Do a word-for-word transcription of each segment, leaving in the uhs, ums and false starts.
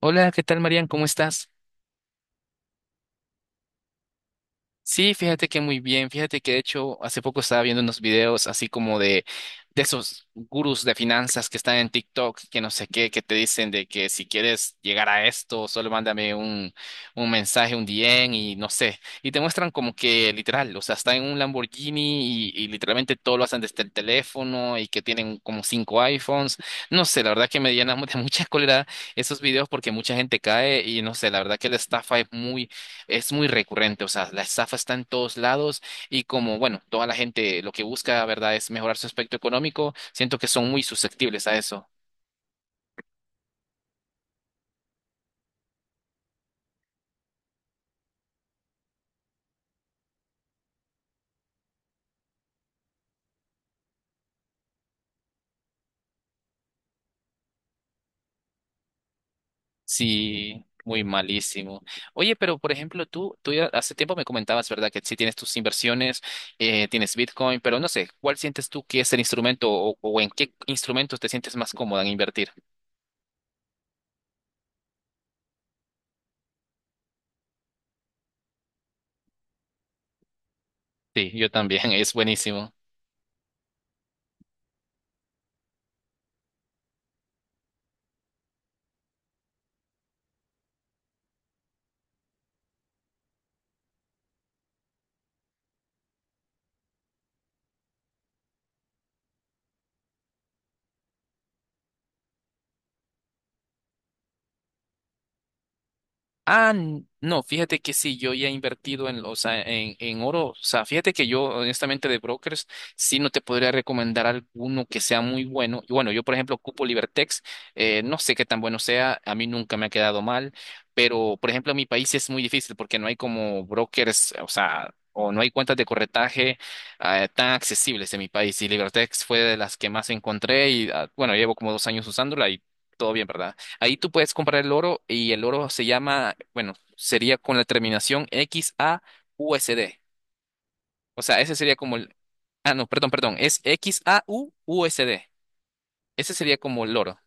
Hola, ¿qué tal, Marian? ¿Cómo estás? Sí, fíjate que muy bien. Fíjate que de hecho hace poco estaba viendo unos videos así como de, de esos gurús de finanzas que están en TikTok, que no sé qué, que te dicen de que si quieres llegar a esto, solo mándame un, un mensaje, un D M y no sé. Y te muestran como que literal, o sea, está en un Lamborghini y, y literalmente todo lo hacen desde el teléfono y que tienen como cinco iPhones. No sé, la verdad que me llenan de mucha cólera esos videos porque mucha gente cae y no sé, la verdad que la estafa es muy es muy recurrente, o sea, la estafa está en todos lados y como, bueno, toda la gente lo que busca, ¿verdad?, es mejorar su aspecto económico, siento que son muy susceptibles a eso. Sí, muy malísimo. Oye, pero por ejemplo, tú, tú ya hace tiempo me comentabas, ¿verdad?, que sí tienes tus inversiones, eh, tienes Bitcoin, pero no sé, ¿cuál sientes tú que es el instrumento o, o en qué instrumentos te sientes más cómoda en invertir? Sí, yo también, es buenísimo. Ah, n- no, fíjate que sí, yo ya he invertido en, o sea, en, en oro. O sea, fíjate que yo, honestamente, de brokers, sí no te podría recomendar alguno que sea muy bueno. Y bueno, yo, por ejemplo, ocupo Libertex. eh, no sé qué tan bueno sea, a mí nunca me ha quedado mal, pero, por ejemplo, en mi país es muy difícil porque no hay como brokers, o sea, o no hay cuentas de corretaje eh, tan accesibles en mi país. Y Libertex fue de las que más encontré y, ah, bueno, llevo como dos años usándola y todo bien, ¿verdad? Ahí tú puedes comprar el oro y el oro se llama, bueno, sería con la terminación X A U S D. O sea, ese sería como el... Ah, no, perdón, perdón, es XAUUSD. Ese sería como el oro.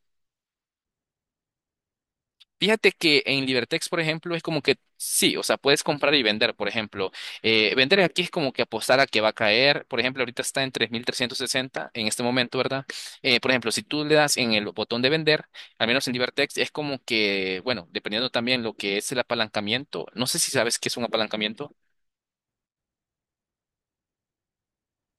Fíjate que en Libertex, por ejemplo, es como que sí, o sea, puedes comprar y vender, por ejemplo. Eh, vender aquí es como que apostar a que va a caer. Por ejemplo, ahorita está en tres mil trescientos sesenta en este momento, ¿verdad? Eh, por ejemplo, si tú le das en el botón de vender, al menos en Libertex, es como que, bueno, dependiendo también lo que es el apalancamiento. No sé si sabes qué es un apalancamiento.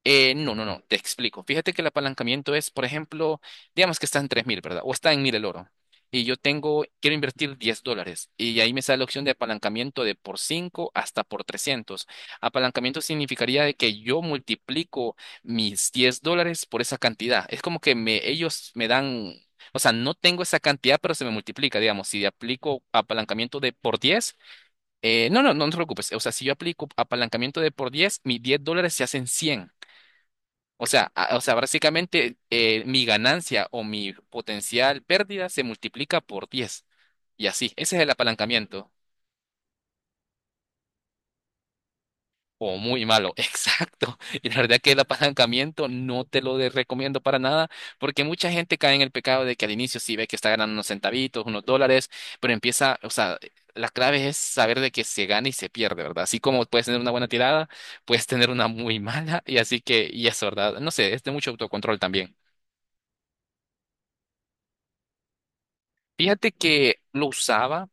Eh, no, no, no, te explico. Fíjate que el apalancamiento es, por ejemplo, digamos que está en tres mil, ¿verdad? O está en mil el oro. Y yo tengo, quiero invertir diez dólares. Y ahí me sale la opción de apalancamiento de por cinco hasta por trescientos. Apalancamiento significaría de que yo multiplico mis diez dólares por esa cantidad. Es como que me, ellos me dan, o sea, no tengo esa cantidad, pero se me multiplica, digamos. Si aplico apalancamiento de por diez. Eh, no, no, no te preocupes. O sea, si yo aplico apalancamiento de por diez, mis diez dólares se hacen cien. O sea, a- o sea, básicamente eh, mi ganancia o mi potencial pérdida se multiplica por diez. Y así, ese es el apalancamiento. O muy malo, exacto. Y la verdad que el apalancamiento no te lo de- recomiendo para nada, porque mucha gente cae en el pecado de que al inicio sí ve que está ganando unos centavitos, unos dólares, pero empieza, o sea, la clave es saber de que se gana y se pierde, ¿verdad? Así como puedes tener una buena tirada, puedes tener una muy mala, y así que, y eso, ¿verdad? No sé, es de mucho autocontrol también. Fíjate que lo usaba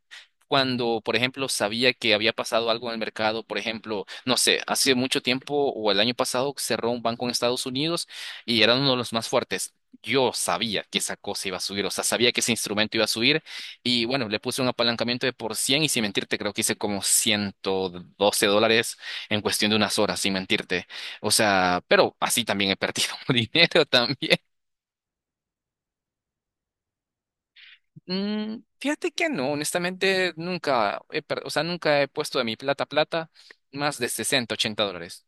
cuando, por ejemplo, sabía que había pasado algo en el mercado. Por ejemplo, no sé, hace mucho tiempo o el año pasado cerró un banco en Estados Unidos y era uno de los más fuertes. Yo sabía que esa cosa iba a subir, o sea, sabía que ese instrumento iba a subir y bueno, le puse un apalancamiento de por cien y sin mentirte, creo que hice como ciento doce dólares en cuestión de unas horas, sin mentirte. O sea, pero así también he perdido dinero también. Mm, fíjate que no, honestamente nunca he, per- o sea, nunca he puesto de mi plata plata más de sesenta ochenta dólares.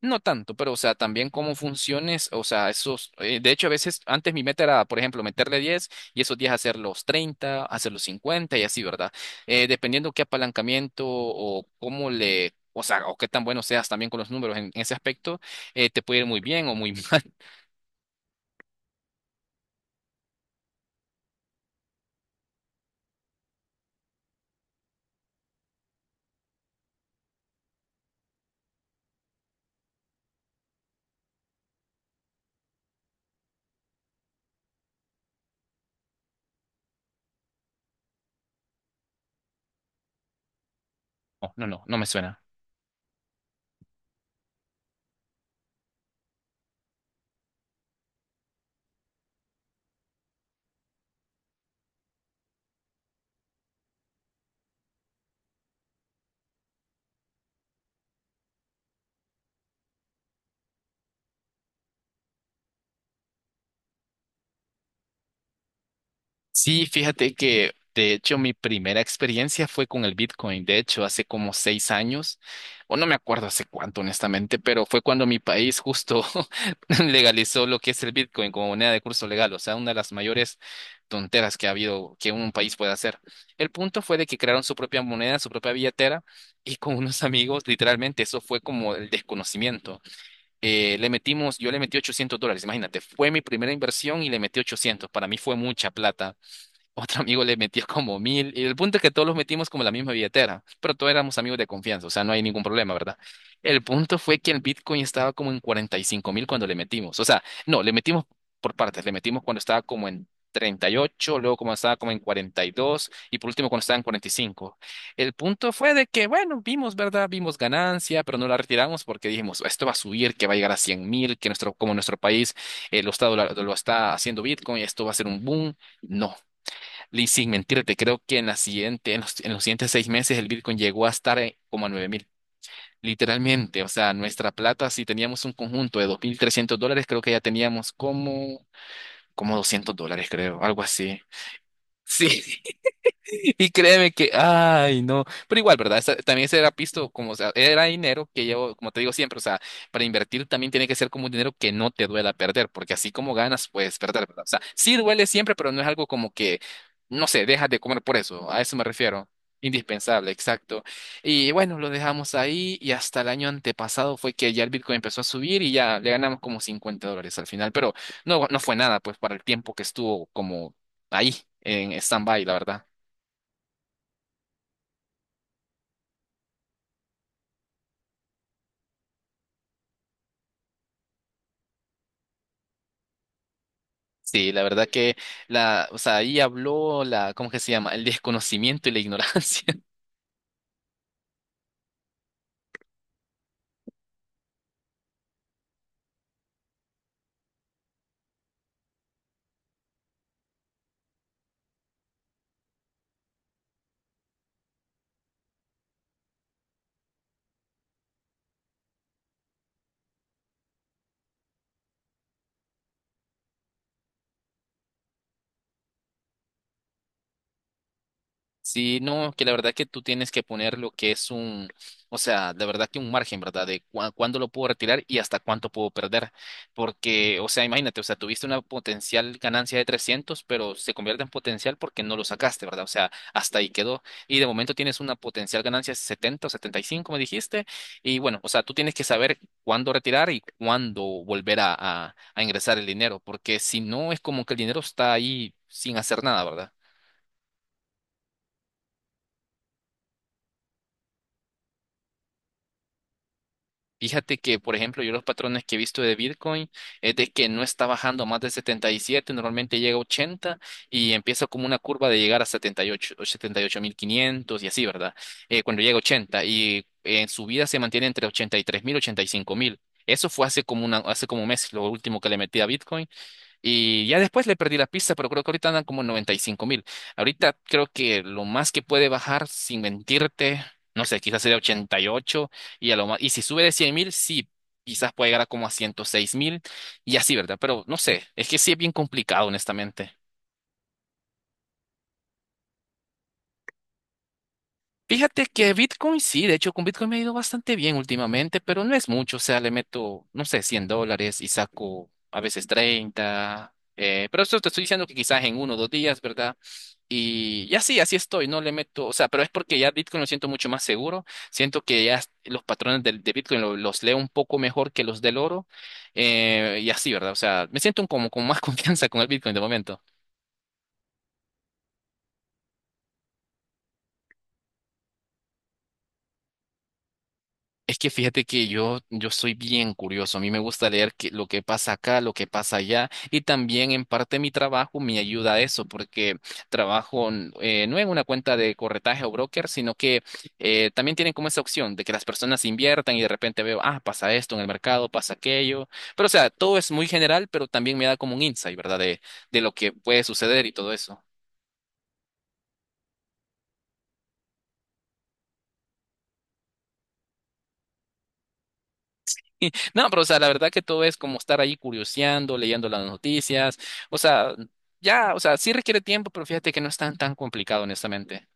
No tanto, pero o sea, también cómo funciones, o sea, esos, eh, de hecho a veces antes mi meta era, por ejemplo, meterle diez y esos diez hacer los treinta hacer los cincuenta y así, ¿verdad? Eh, dependiendo qué apalancamiento o cómo le, o sea, o qué tan bueno seas también con los números en, ese aspecto, eh, te puede ir muy bien o muy mal. No, no, no, no me suena. Sí, fíjate que de hecho mi primera experiencia fue con el Bitcoin. De hecho, hace como seis años, o no me acuerdo hace cuánto, honestamente, pero fue cuando mi país justo legalizó lo que es el Bitcoin como moneda de curso legal. O sea, una de las mayores tonteras que ha habido que un país puede hacer. El punto fue de que crearon su propia moneda, su propia billetera, y con unos amigos, literalmente, eso fue como el desconocimiento. Eh, le metimos, yo le metí ochocientos dólares, imagínate, fue mi primera inversión y le metí ochocientos. Para mí fue mucha plata. Otro amigo le metió como mil. Y el punto es que todos los metimos como la misma billetera. Pero todos éramos amigos de confianza. O sea, no hay ningún problema, ¿verdad? El punto fue que el Bitcoin estaba como en cuarenta y cinco mil cuando le metimos. O sea, no, le metimos por partes. Le metimos cuando estaba como en treinta y ocho luego como estaba como en cuarenta y dos y por último cuando estaba en cuarenta y cinco. El punto fue de que, bueno, vimos, ¿verdad? Vimos ganancia, pero no la retiramos porque dijimos, esto va a subir, que va a llegar a cien mil, que nuestro, como nuestro país eh, lo está, dola- lo está haciendo Bitcoin, esto va a ser un boom. No, y sin mentirte, creo que en la siguiente, en los, en los siguientes seis meses el Bitcoin llegó a estar eh, como a nueve mil. Literalmente, o sea, nuestra plata, si teníamos un conjunto de dos mil trescientos dólares, creo que ya teníamos como, como doscientos dólares, creo, algo así. Sí, y créeme que, ay, no. Pero igual, ¿verdad? Esa- también ese era pisto, como, o sea, era dinero que yo, como te digo siempre, o sea, para invertir también tiene que ser como un dinero que no te duela perder, porque así como ganas, puedes perder, ¿verdad? O sea, sí duele siempre, pero no es algo como que, no sé, dejas de comer por eso. A eso me refiero. Indispensable, exacto. Y bueno, lo dejamos ahí y hasta el año antepasado fue que ya el Bitcoin empezó a subir y ya le ganamos como cincuenta dólares al final, pero no, no fue nada, pues, para el tiempo que estuvo como ahí en stand-by, la verdad. Sí, la verdad que la, o sea, ahí habló la, ¿cómo que se llama? El desconocimiento y la ignorancia. Sí, no, que la verdad que tú tienes que poner lo que es un, o sea, la verdad que un margen, ¿verdad? De cua- cuándo lo puedo retirar y hasta cuánto puedo perder. Porque, o sea, imagínate, o sea, tuviste una potencial ganancia de trescientos pero se convierte en potencial porque no lo sacaste, ¿verdad? O sea, hasta ahí quedó. Y de momento tienes una potencial ganancia de setenta o setenta y cinco me dijiste. Y bueno, o sea, tú tienes que saber cuándo retirar y cuándo volver a, a a ingresar el dinero, porque si no es como que el dinero está ahí sin hacer nada, ¿verdad? Fíjate que, por ejemplo, yo los patrones que he visto de Bitcoin es de que no está bajando más de setenta y siete, normalmente llega a ochenta y empieza como una curva de llegar a setenta y ocho, o setenta y ocho mil quinientos y ocho mil quinientos y así, ¿verdad? Eh, cuando llega a ochenta y en su vida se mantiene entre ochenta y tres mil y tres mil, y ochenta y cinco mil. Eso fue hace como, una, hace como un mes, lo último que le metí a Bitcoin. Y ya después le perdí la pista, pero creo que ahorita andan como noventa y cinco mil. Ahorita creo que lo más que puede bajar, sin mentirte, no sé, quizás sería ochenta y ocho y ocho. Y, a lo más, y si sube de cien mil, sí, quizás puede llegar a como a ciento seis mil y así, ¿verdad? Pero no sé, es que sí es bien complicado, honestamente. Fíjate que Bitcoin sí, de hecho con Bitcoin me ha ido bastante bien últimamente, pero no es mucho, o sea, le meto, no sé, cien dólares y saco a veces treinta, eh, pero eso te estoy diciendo que quizás en uno o dos días, ¿verdad? Y, y así, así estoy, no le meto, o sea, pero es porque ya Bitcoin lo siento mucho más seguro, siento que ya los patrones de, de Bitcoin lo- los leo un poco mejor que los del oro, eh, y así, ¿verdad? O sea, me siento como con más confianza con el Bitcoin de momento. Es que fíjate que yo, yo soy bien curioso. A mí me gusta leer que- lo que pasa acá, lo que pasa allá. Y también en parte mi trabajo me ayuda a eso, porque trabajo n- eh, no en una cuenta de corretaje o broker, sino que eh, también tienen como esa opción de que las personas inviertan y de repente veo, ah, pasa esto en el mercado, pasa aquello. Pero o sea, todo es muy general, pero también me da como un insight, ¿verdad? De, de lo que puede suceder y todo eso. No, pero o sea, la verdad que todo es como estar ahí curioseando, leyendo las noticias. O sea, ya, o sea, sí requiere tiempo, pero fíjate que no es tan tan complicado, honestamente.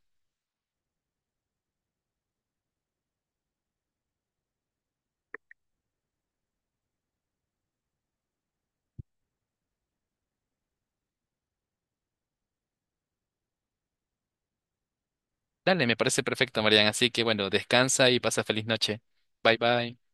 Dale, me parece perfecto, Marian. Así que bueno, descansa y pasa feliz noche. Bye bye.